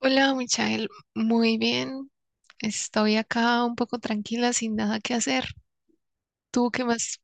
Hola, Michael. Muy bien. Estoy acá un poco tranquila, sin nada que hacer. ¿Tú qué más?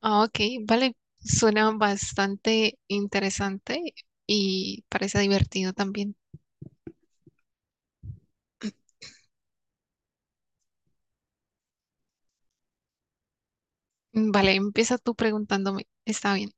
Ah, ok, vale. Suena bastante interesante y parece divertido también. Vale, empieza tú preguntándome. Está bien.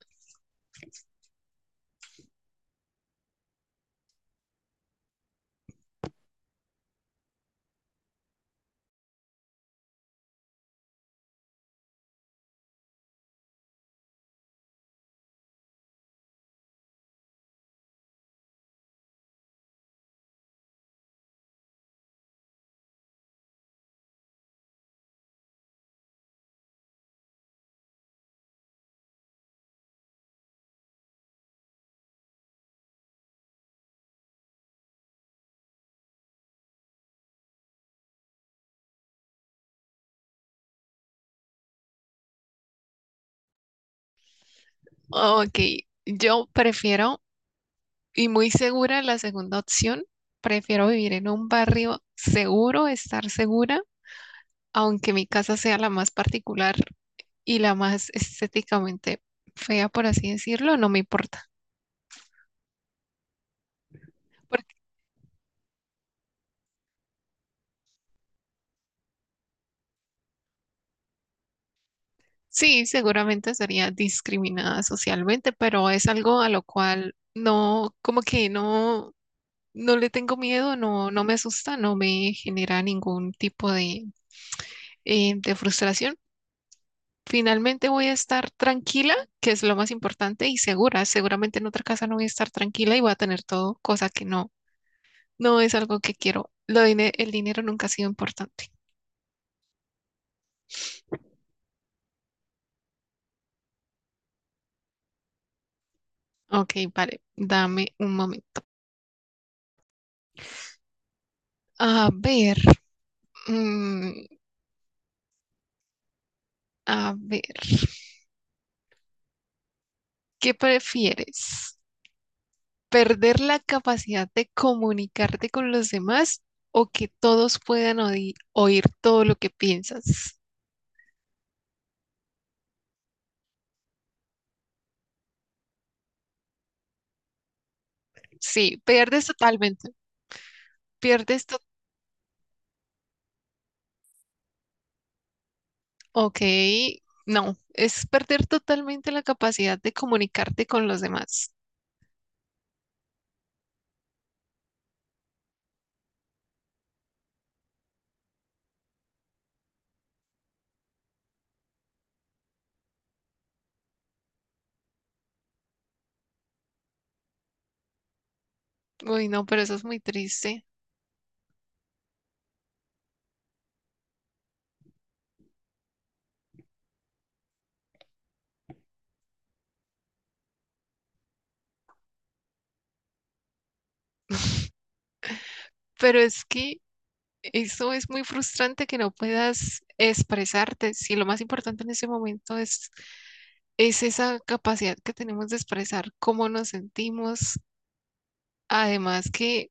Ok, yo prefiero, y muy segura la segunda opción, prefiero vivir en un barrio seguro, estar segura, aunque mi casa sea la más particular, y la más estéticamente fea, por así decirlo, no me importa. Porque sí, seguramente sería discriminada socialmente, pero es algo a lo cual no, como que no, no le tengo miedo, no, no me asusta, no me genera ningún tipo de frustración. Finalmente voy a estar tranquila, que es lo más importante, y segura. Seguramente en otra casa no voy a estar tranquila y voy a tener todo, cosa que no, no es algo que quiero. El dinero nunca ha sido importante. Ok, vale, dame un momento. A ver, mm, a ver, ¿qué prefieres? ¿Perder la capacidad de comunicarte con los demás o que todos puedan oír todo lo que piensas? Sí, pierdes totalmente, pierdes to- ok, no, es perder totalmente la capacidad de comunicarte con los demás. Uy, no, pero eso es muy triste. Pero es que, eso es muy frustrante que no puedas expresarte. Si lo más importante en ese momento es esa capacidad que tenemos de expresar cómo nos sentimos. Además que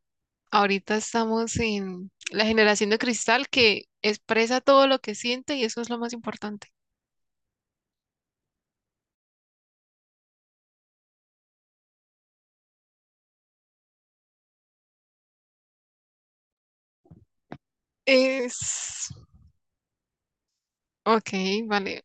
ahorita estamos en la generación de cristal que expresa todo lo que siente y eso es lo más importante. Es... Ok, vale.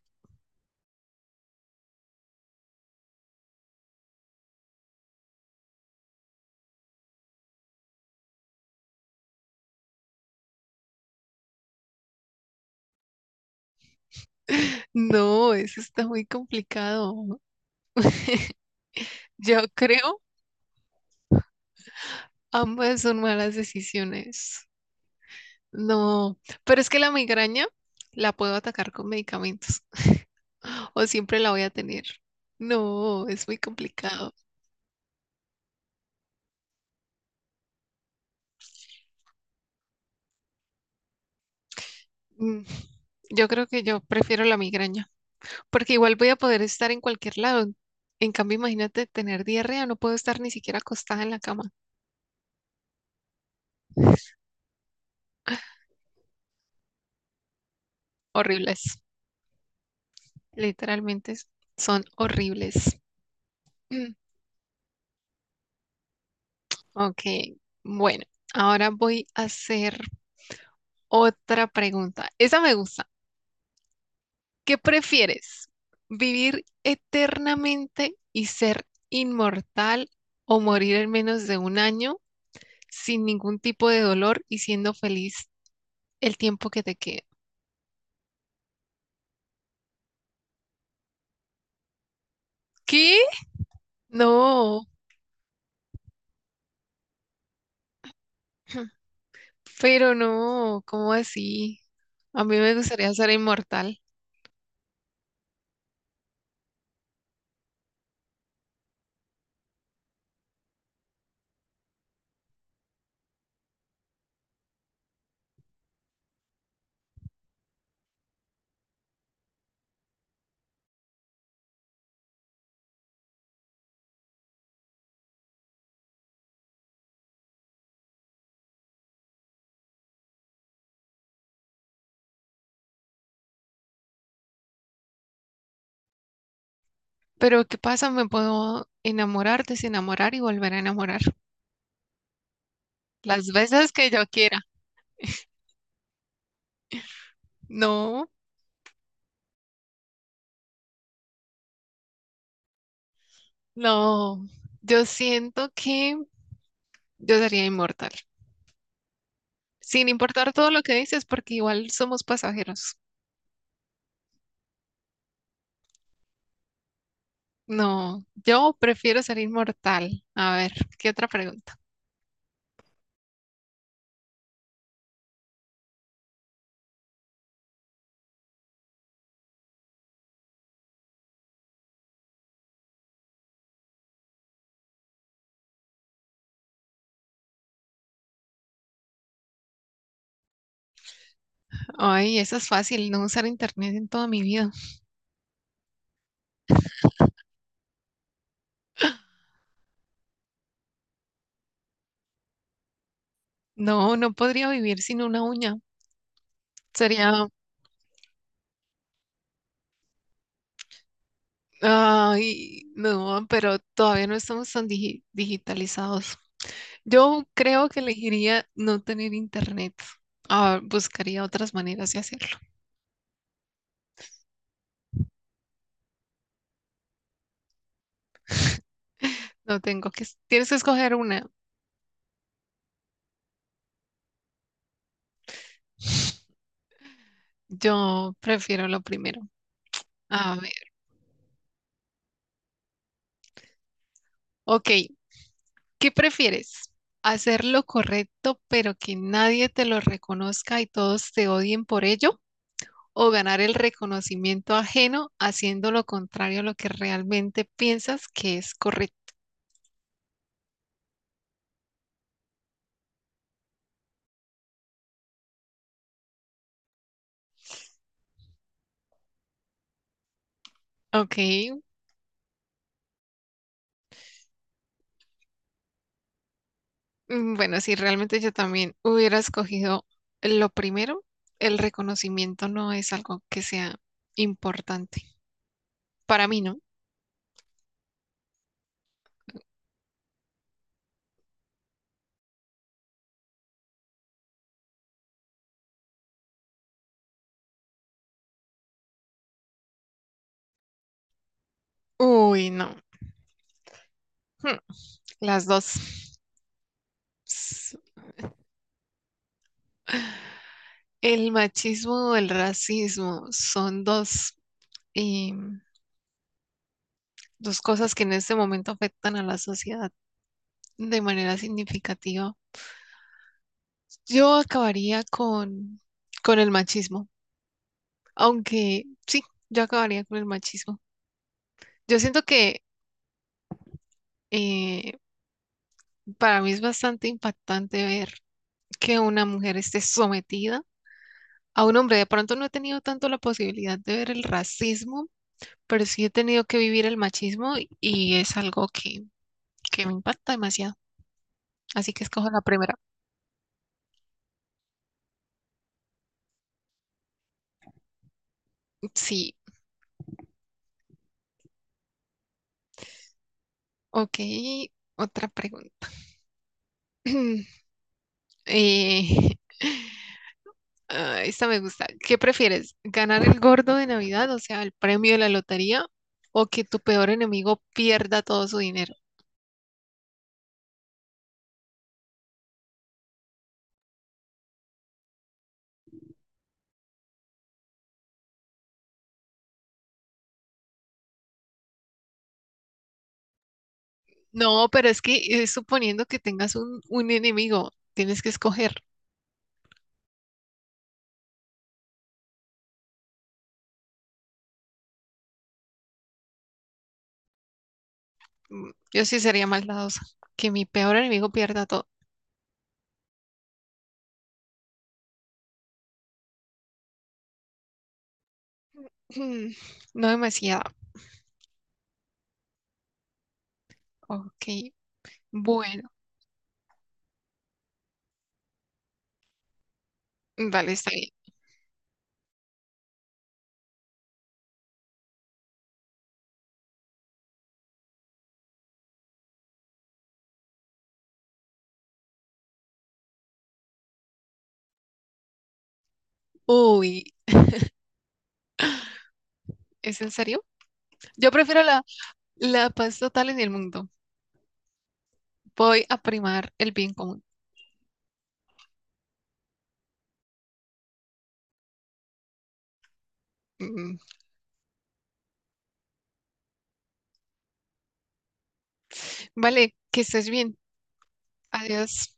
No, eso está muy complicado. Yo creo ambas son malas decisiones. No, pero es que la migraña la puedo atacar con medicamentos o siempre la voy a tener. No, es muy complicado. Mm, Yo creo que yo prefiero la migraña porque igual voy a poder estar en cualquier lado. En cambio, imagínate tener diarrea, no puedo estar ni siquiera acostada en la cama. Horribles, literalmente s- son horribles. Mm, Ok, bueno, ahora voy a hacer otra pregunta. Esa me gusta. ¿Qué prefieres? ¿Vivir eternamente y ser inmortal o morir en menos de un año sin ningún tipo de dolor y siendo feliz el tiempo que te queda? ¿Qué? No, pero no, ¿cómo así? A mí me gustaría ser inmortal, pero ¿qué pasa? Me puedo enamorar, desenamorar y volver a enamorar las veces que yo quiera. No, no, yo siento que yo sería inmortal, sin importar todo lo que dices, porque igual somos pasajeros. No, yo prefiero ser inmortal. A ver, ¿qué otra pregunta? Ay, esa es fácil, no usar internet en toda mi vida. No, no podría vivir sin una uña. Sería, ay, no, pero todavía no estamos tan digitalizados. Yo creo que elegiría no tener internet. Ah, buscaría otras maneras de hacerlo. No tengo que, tienes que escoger una. Yo prefiero lo primero. A ver, ok, ¿qué prefieres? ¿Hacer lo correcto pero que nadie te lo reconozca y todos te odien por ello? ¿O ganar el reconocimiento ajeno haciendo lo contrario a lo que realmente piensas que es correcto? Ok, bueno, si realmente yo también hubiera escogido lo primero, el reconocimiento no es algo que sea importante. Para mí no. Uy, no. Hmm, Las dos. S- el machismo o el racismo son dos y dos cosas que en este momento afectan a la sociedad de manera significativa. Yo acabaría con el machismo, aunque sí, yo acabaría con el machismo. Yo siento que eh, para mí es bastante impactante ver que una mujer esté sometida a un hombre. De pronto no he tenido tanto la posibilidad de ver el racismo, pero sí he tenido que vivir el machismo y es algo que me impacta demasiado. Así que escojo la primera. Sí, ok, otra pregunta. Eh, ah, esta me gusta. ¿Qué prefieres? ¿Ganar el gordo de Navidad, o sea, el premio de la lotería, o que tu peor enemigo pierda todo su dinero? No, pero es que es suponiendo que tengas un enemigo, tienes que escoger. Yo sí sería maldadosa. Que mi peor enemigo pierda todo. Mm, No demasiado. Ok, bueno, vale, está bien. Uy, ¿es en serio? Yo prefiero la, la paz total en el mundo. Voy a primar el bien común. Mm, Vale, que estés bien. Adiós.